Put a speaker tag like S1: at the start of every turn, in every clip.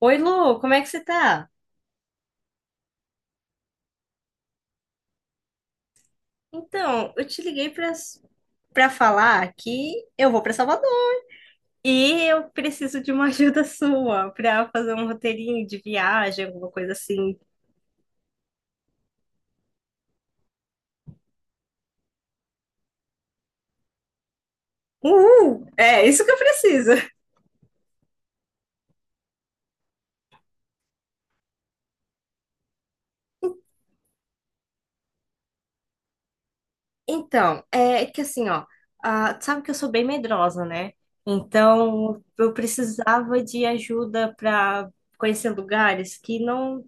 S1: Oi, Lu, como é que você tá? Então, eu te liguei para falar que eu vou para Salvador e eu preciso de uma ajuda sua para fazer um roteirinho de viagem, alguma coisa assim. Uhul! É isso que eu preciso. Então, é que assim, ó, ah, sabe que eu sou bem medrosa, né? Então, eu precisava de ajuda para conhecer lugares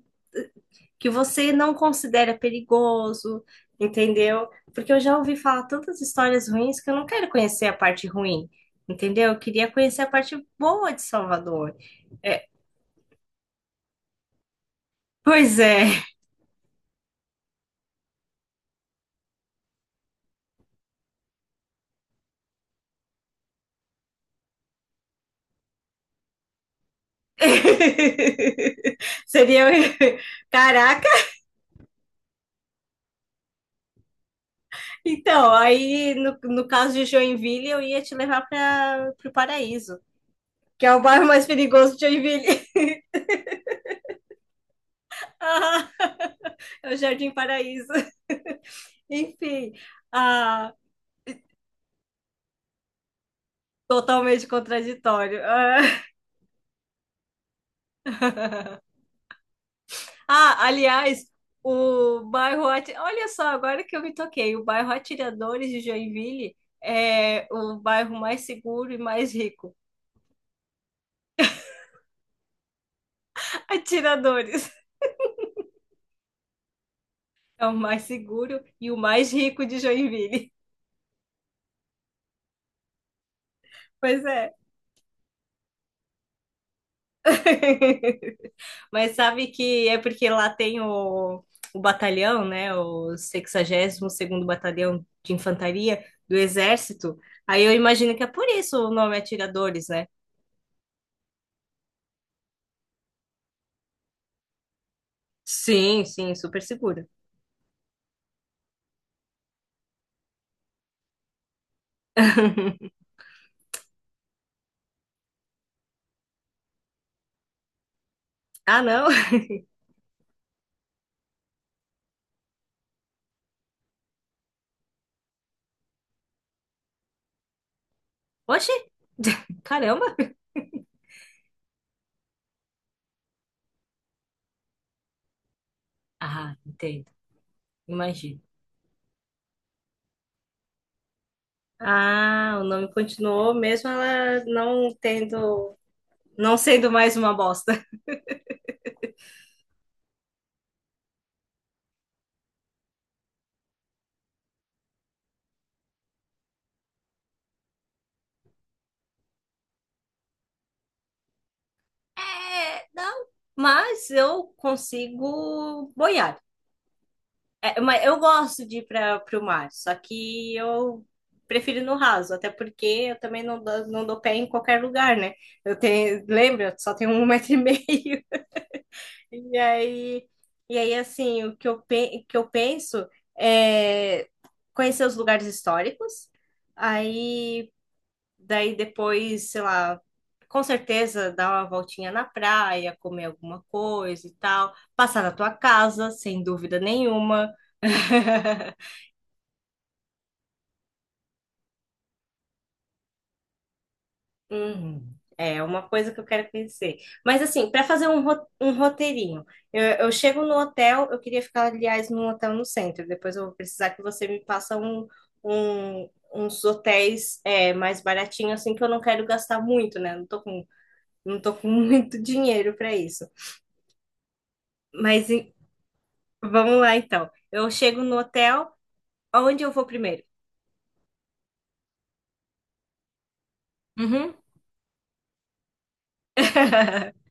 S1: que você não considera perigoso, entendeu? Porque eu já ouvi falar tantas histórias ruins que eu não quero conhecer a parte ruim, entendeu? Eu queria conhecer a parte boa de Salvador. É, pois é. Seria. Caraca! Então, aí no, no caso de Joinville, eu ia te levar para o Paraíso, que é o bairro mais perigoso de Joinville. Ah, é o Jardim Paraíso. Enfim, ah, totalmente contraditório. Ah. Ah, aliás, Olha só, agora que eu me toquei, o bairro Atiradores de Joinville é o bairro mais seguro e mais rico. Atiradores é o mais seguro e o mais rico de Joinville. Pois é. Mas sabe que é porque lá tem o batalhão, né? O 62 segundo Batalhão de Infantaria do Exército. Aí eu imagino que é por isso o nome Atiradores, né? Sim, sim, super seguro. Ah, não? Oxi! Caramba! Ah, entendo. Imagino. Ah, o nome continuou mesmo ela não tendo, não sendo mais uma bosta. É, não, mas eu consigo boiar. É, mas eu gosto de ir para o mar, só que eu prefiro no raso, até porque eu também não dou pé em qualquer lugar, né? Eu tenho, lembra, só tenho um metro e meio. E aí, e aí assim, o que eu, pe- que eu penso é conhecer os lugares históricos, aí daí depois, sei lá, com certeza dar uma voltinha na praia, comer alguma coisa e tal, passar na tua casa, sem dúvida nenhuma. Uhum. É uma coisa que eu quero conhecer. Mas assim, para fazer um roteirinho, eu chego no hotel, eu queria ficar, aliás, num hotel no centro. Depois eu vou precisar que você me passa uns hotéis é, mais baratinhos, assim, que eu não quero gastar muito, né? Não tô com muito dinheiro para isso. Mas e- vamos lá então. Eu chego no hotel, aonde eu vou primeiro? Uhum.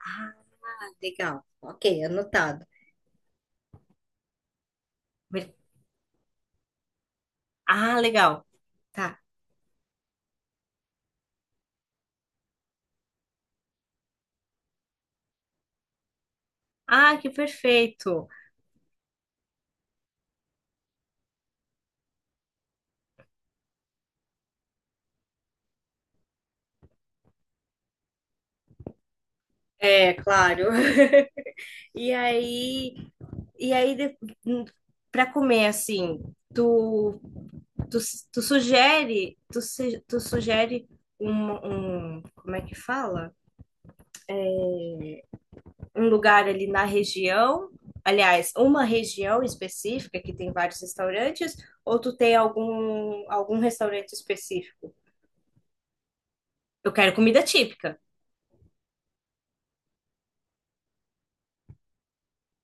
S1: Ah, legal. Ok, anotado. Ah, legal. Ah, que perfeito. É, claro. E aí, e aí de- pra comer assim, tu, tu, tu sugere, tu, se- tu sugere como é que fala? Um lugar ali na região, aliás, uma região específica que tem vários restaurantes, ou tu tem algum restaurante específico? Eu quero comida típica.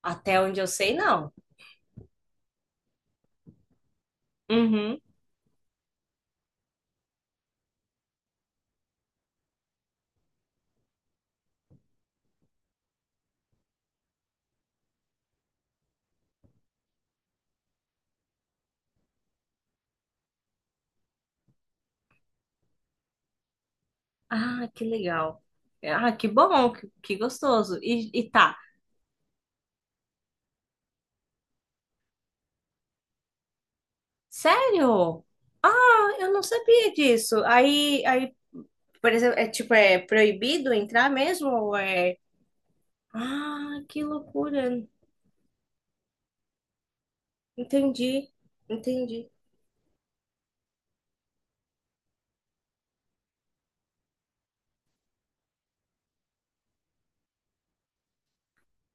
S1: Até onde eu sei, não. Uhum. Ah, que legal. Ah, que bom, que gostoso. E tá, sério? Ah, eu não sabia disso. Por exemplo, é tipo, é proibido entrar mesmo? Ou é... Ah, que loucura. Entendi, entendi.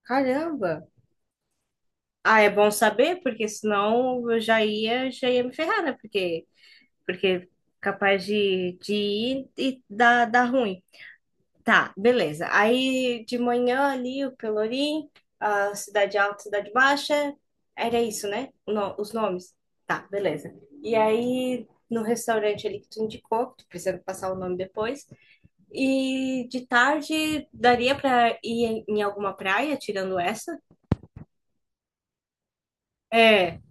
S1: Caramba. Ah, é bom saber, porque senão já ia me ferrar, né? Porque capaz de ir e dar ruim. Tá, beleza. Aí de manhã ali o Pelourinho, a Cidade Alta, Cidade Baixa, era isso, né? O no- os nomes. Tá, beleza. E aí no restaurante ali que tu indicou, que tu precisa passar o nome depois. E de tarde daria pra ir em alguma praia, tirando essa? É.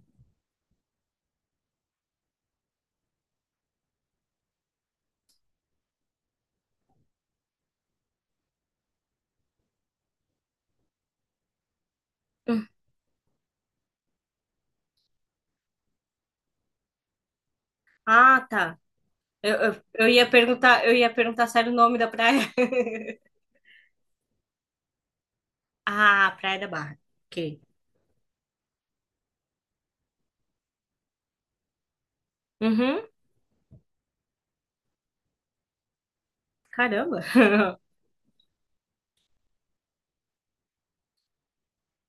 S1: Ah, tá. Eu ia perguntar se era o nome da praia. Ah, Praia da Barra. Ok. Uhum. Caramba.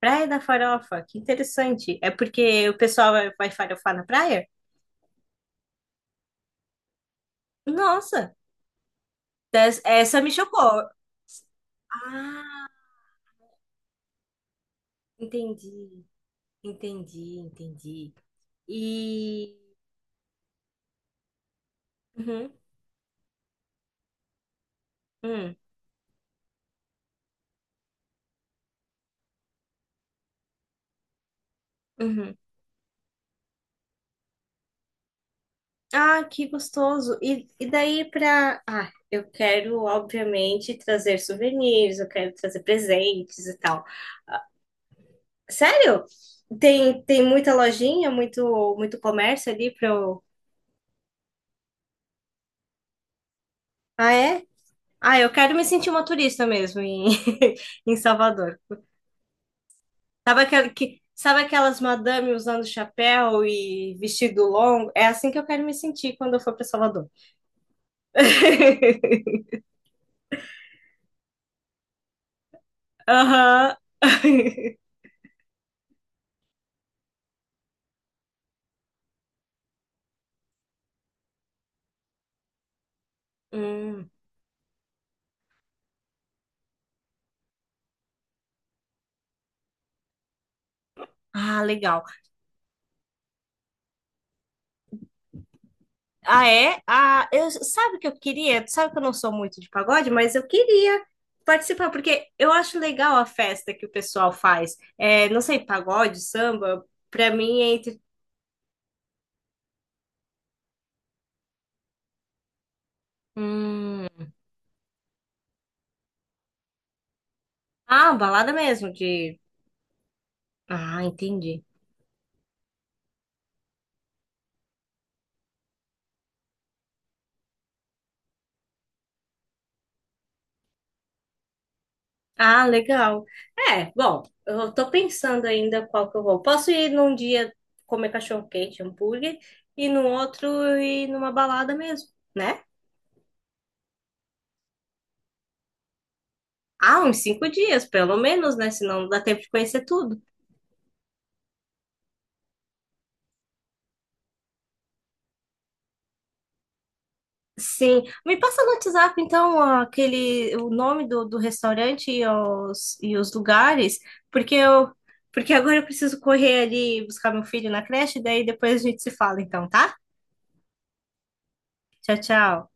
S1: Praia da Farofa, que interessante. É porque o pessoal vai farofar na praia? Nossa, essa me chocou. Ah, entendi, entendi. E. Uhum, uhum, uhum. Ah, que gostoso. E daí pra. Ah, eu quero, obviamente, trazer souvenirs, eu quero trazer presentes e tal. Sério? Tem muita lojinha, muito comércio ali pra eu. Ah, é? Ah, eu quero me sentir uma turista mesmo em, em Salvador. Sabe, sabe aquelas madame usando chapéu e vestido longo? É assim que eu quero me sentir quando eu for para Salvador. Aham. Hum. Ah, legal. Ah, é? Ah, eu, sabe o que eu queria? Tu Sabe que eu não sou muito de pagode, mas eu queria participar, porque eu acho legal a festa que o pessoal faz. É, não sei, pagode, samba, pra mim é entre. Hum. Ah, balada mesmo, de Ah, entendi. Ah, legal. É, bom, eu tô pensando ainda qual que eu vou. Posso ir num dia comer cachorro-quente, hambúrguer, e no outro ir numa balada mesmo, né? Ah, uns cinco dias, pelo menos, né? Senão não dá tempo de conhecer tudo. Sim. Me passa no WhatsApp, então, aquele, o nome do, do restaurante e os lugares, porque eu, porque agora eu preciso correr ali buscar meu filho na creche, daí depois a gente se fala, então, tá? Tchau, tchau.